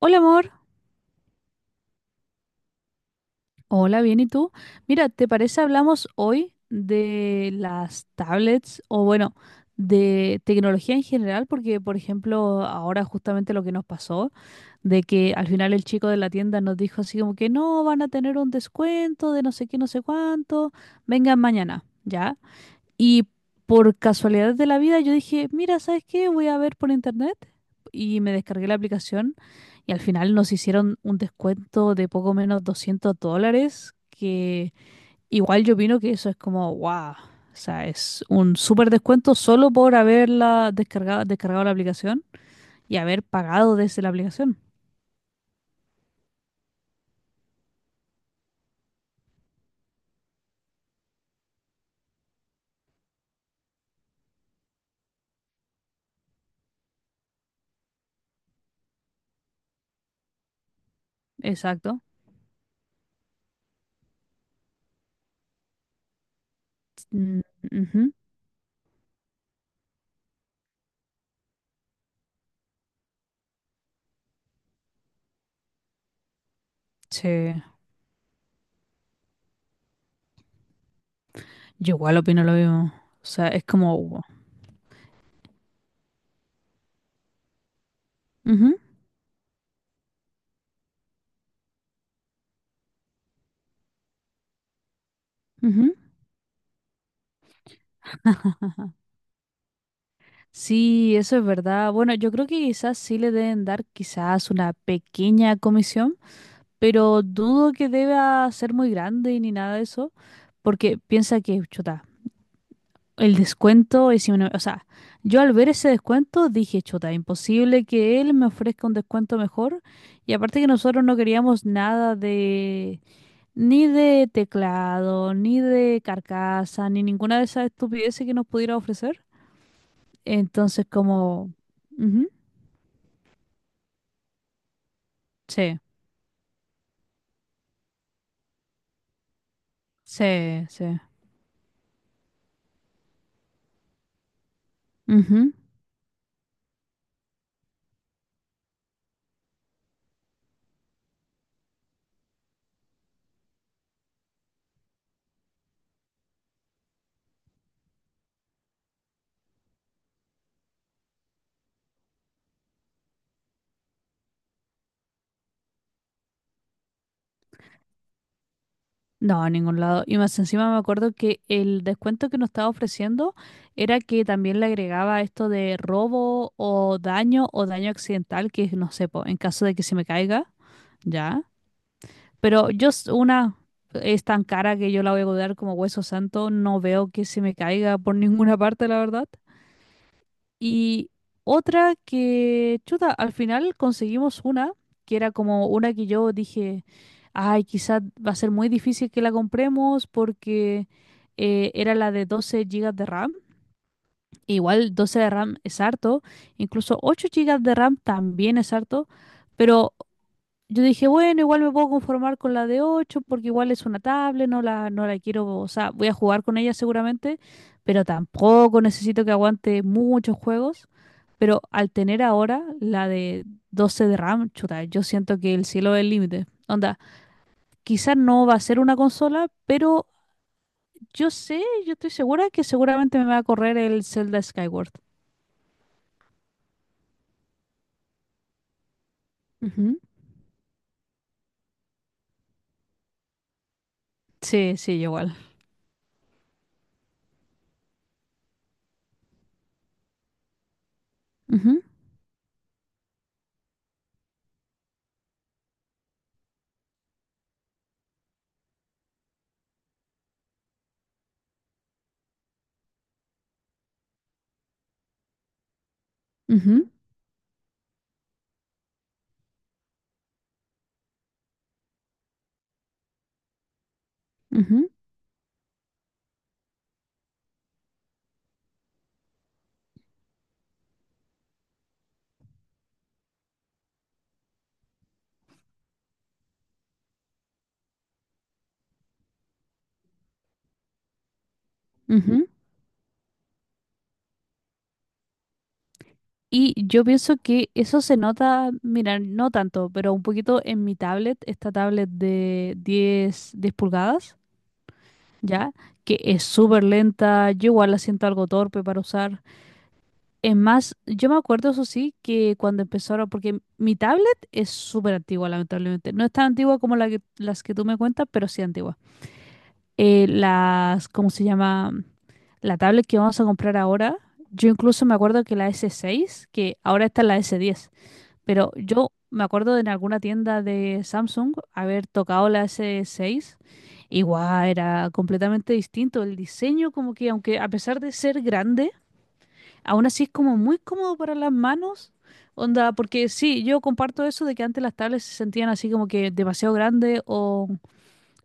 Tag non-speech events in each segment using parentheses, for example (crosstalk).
Hola amor, hola, bien, ¿y tú? Mira, ¿te parece hablamos hoy de las tablets o bueno, de tecnología en general? Porque, por ejemplo, ahora justamente lo que nos pasó, de que al final el chico de la tienda nos dijo así como que no, van a tener un descuento de no sé qué, no sé cuánto, vengan mañana, ¿ya? Y por casualidad de la vida yo dije, mira, ¿sabes qué? Voy a ver por internet y me descargué la aplicación. Y al final nos hicieron un descuento de poco menos $200, que igual yo opino que eso es como, wow. O sea, es un súper descuento solo por haberla descargado la aplicación y haber pagado desde la aplicación. Exacto. Mm, ujú. Sí, yo igual opino lo mismo. O sea, es como, wow. Ujú, ujú. Sí, eso es verdad. Bueno, yo creo que quizás sí le deben dar quizás una pequeña comisión, pero dudo que deba ser muy grande ni nada de eso, porque piensa que, chuta, el descuento es... inmen- O sea, yo al ver ese descuento dije, chuta, imposible que él me ofrezca un descuento mejor. Y aparte que nosotros no queríamos nada de ni de teclado, ni de carcasa, ni ninguna de esas estupideces que nos pudiera ofrecer. Entonces, ujú. Sí, sí, sí. Ujú. No, a ningún lado. Y más encima me acuerdo que el descuento que nos estaba ofreciendo era que también le agregaba esto de robo o daño accidental, que es, no sé, po, en caso de que se me caiga, ya. Pero yo, una es tan cara que yo la voy a cobrar como hueso santo, no veo que se me caiga por (laughs) ninguna parte, la verdad. Y otra que, chuta, al final conseguimos una, que era como una que yo dije, ay, quizás va a ser muy difícil que la compremos porque era la de 12 gigas de RAM. Igual 12 de RAM es harto, incluso 8 gigas de RAM también es harto, pero yo dije, bueno, igual me puedo conformar con la de 8 porque igual es una tablet, no la quiero. O sea, voy a jugar con ella seguramente, pero tampoco necesito que aguante muchos juegos. Pero al tener ahora la de 12 de RAM, chuta, yo siento que el cielo es el límite. Onda, quizás no va a ser una consola, pero yo sé, yo estoy segura que seguramente me va a correr el Zelda Skyward. Ujú. Sí, sí, yo igual. Ujú, ujú, ujú, ujú. Y yo pienso que eso se nota, mira, no tanto, pero un poquito en mi tablet, esta tablet de 10 10 pulgadas, ¿ya? Que es súper lenta, yo igual la siento algo torpe para usar. Es más, yo me acuerdo, eso sí, que cuando empezaron, porque mi tablet es súper antigua, lamentablemente. No es tan antigua como las que tú me cuentas, pero sí antigua. Las, ¿cómo se llama? La tablet que vamos a comprar ahora, yo incluso me acuerdo que la S6, que ahora está en la S10. Pero yo me acuerdo de en alguna tienda de Samsung haber tocado la S6. Igual era completamente distinto. El diseño, como que aunque a pesar de ser grande, aún así es como muy cómodo para las manos. Onda, porque sí, yo comparto eso de que antes las tablets se sentían así como que demasiado grande o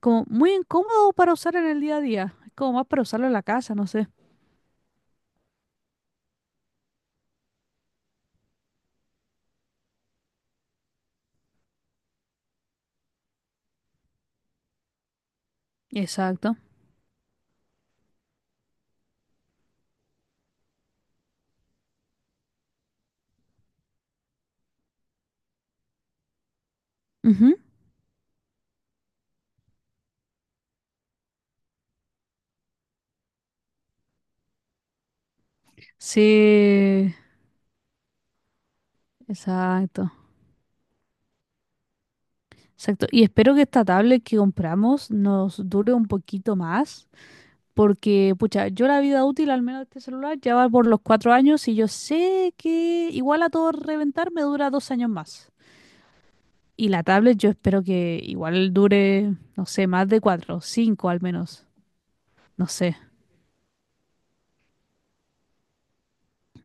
como muy incómodo para usar en el día a día. Es como más para usarlo en la casa, no sé. Exacto. Ujú. Sí, exacto. Exacto. Y espero que esta tablet que compramos nos dure un poquito más, porque, pucha, yo la vida útil al menos de este celular ya va por los 4 años y yo sé que igual a todo reventar me dura 2 años más. Y la tablet yo espero que igual dure, no sé, más de cuatro, cinco al menos. No sé.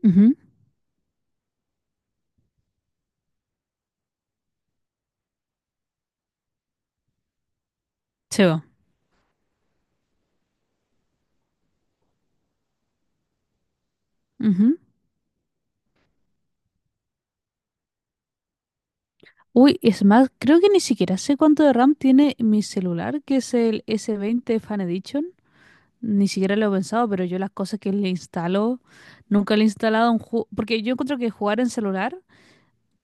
Ujú. Se va. Ujú. Uy, es más, creo que ni siquiera sé cuánto de RAM tiene mi celular, que es el S20 Fan Edition. Ni siquiera lo he pensado, pero yo las cosas que le instalo, nunca le he instalado un juego, porque yo encuentro que jugar en celular,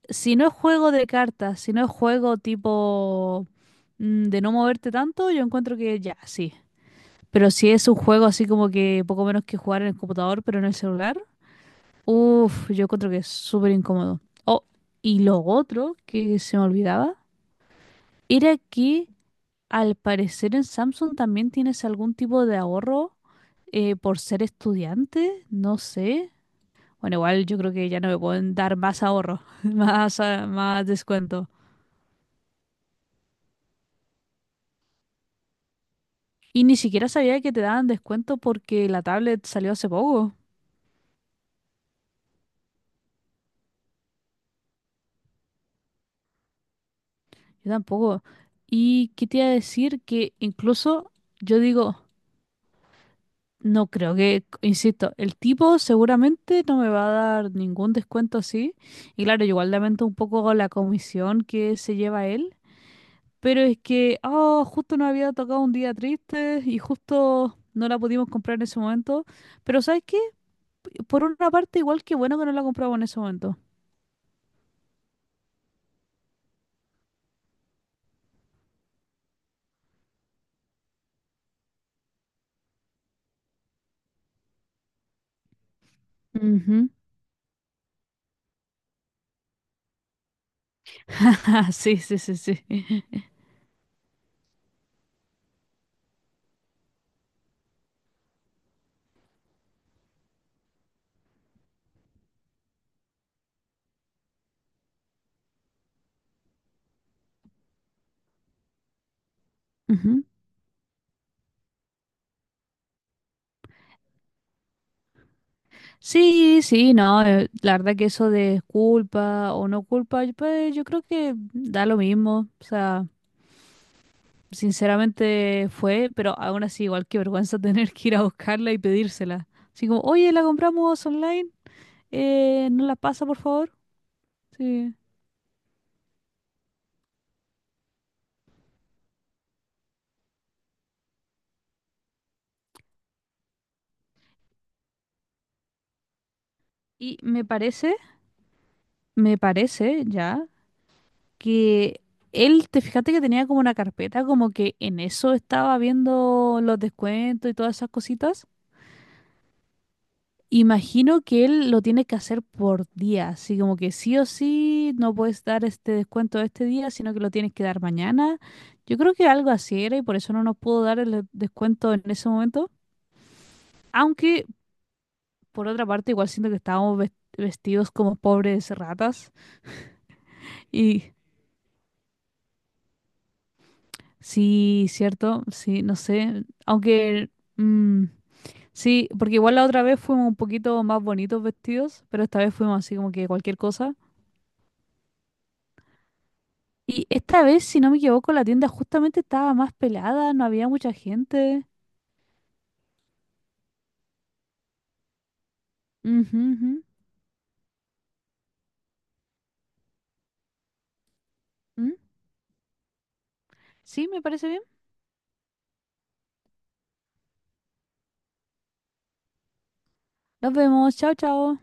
si no es juego de cartas, si no es juego tipo de no moverte tanto, yo encuentro que ya, sí. Pero si es un juego así como que poco menos que jugar en el computador, pero no en el celular, uff, yo encuentro que es súper incómodo. Oh, y lo otro que se me olvidaba era que al parecer en Samsung también tienes algún tipo de ahorro por ser estudiante, no sé. Bueno, igual yo creo que ya no me pueden dar más ahorro, (laughs) más descuento. Y ni siquiera sabía que te daban descuento porque la tablet salió hace poco. Yo tampoco. Y qué te iba a decir que incluso yo digo, no creo que, insisto, el tipo seguramente no me va a dar ningún descuento así. Y claro, yo igual lamento un poco la comisión que se lleva él. Pero es que, justo nos había tocado un día triste y justo no la pudimos comprar en ese momento. Pero ¿sabes qué? Por una parte, igual que bueno que no la compramos en ese momento. Ujú. (laughs) Ah, sí, sí, sí, sí. Ujú. Sí, sí, no, la verdad que eso de culpa o no culpa, pues yo creo que da lo mismo. O sea, sinceramente fue, pero aún así igual que vergüenza (laughs) tener que ir a buscarla y pedírsela. Así como, oye, la compramos online, ¿nos la pasa por favor? Sí. Y me parece ya que él, te fíjate que tenía como una carpeta, como que en eso estaba viendo los descuentos y todas esas cositas. Imagino que él lo tiene que hacer por día, así como que sí o sí no puedes dar este descuento este día, sino que lo tienes que dar mañana. Yo creo que algo así era y por eso no nos pudo dar el descuento en ese momento. Aunque por otra parte igual siento que estábamos vestidos como pobres ratas. Y sí, cierto, sí, no sé, aunque mm, sí, porque igual la otra vez fuimos un poquito más bonitos vestidos, pero esta vez fuimos así como que cualquier cosa. Y esta vez, si no me equivoco, la tienda justamente estaba más pelada, no había mucha gente. Ujú, ujú, mm. Sí, me parece bien. Nos vemos, chao, chao.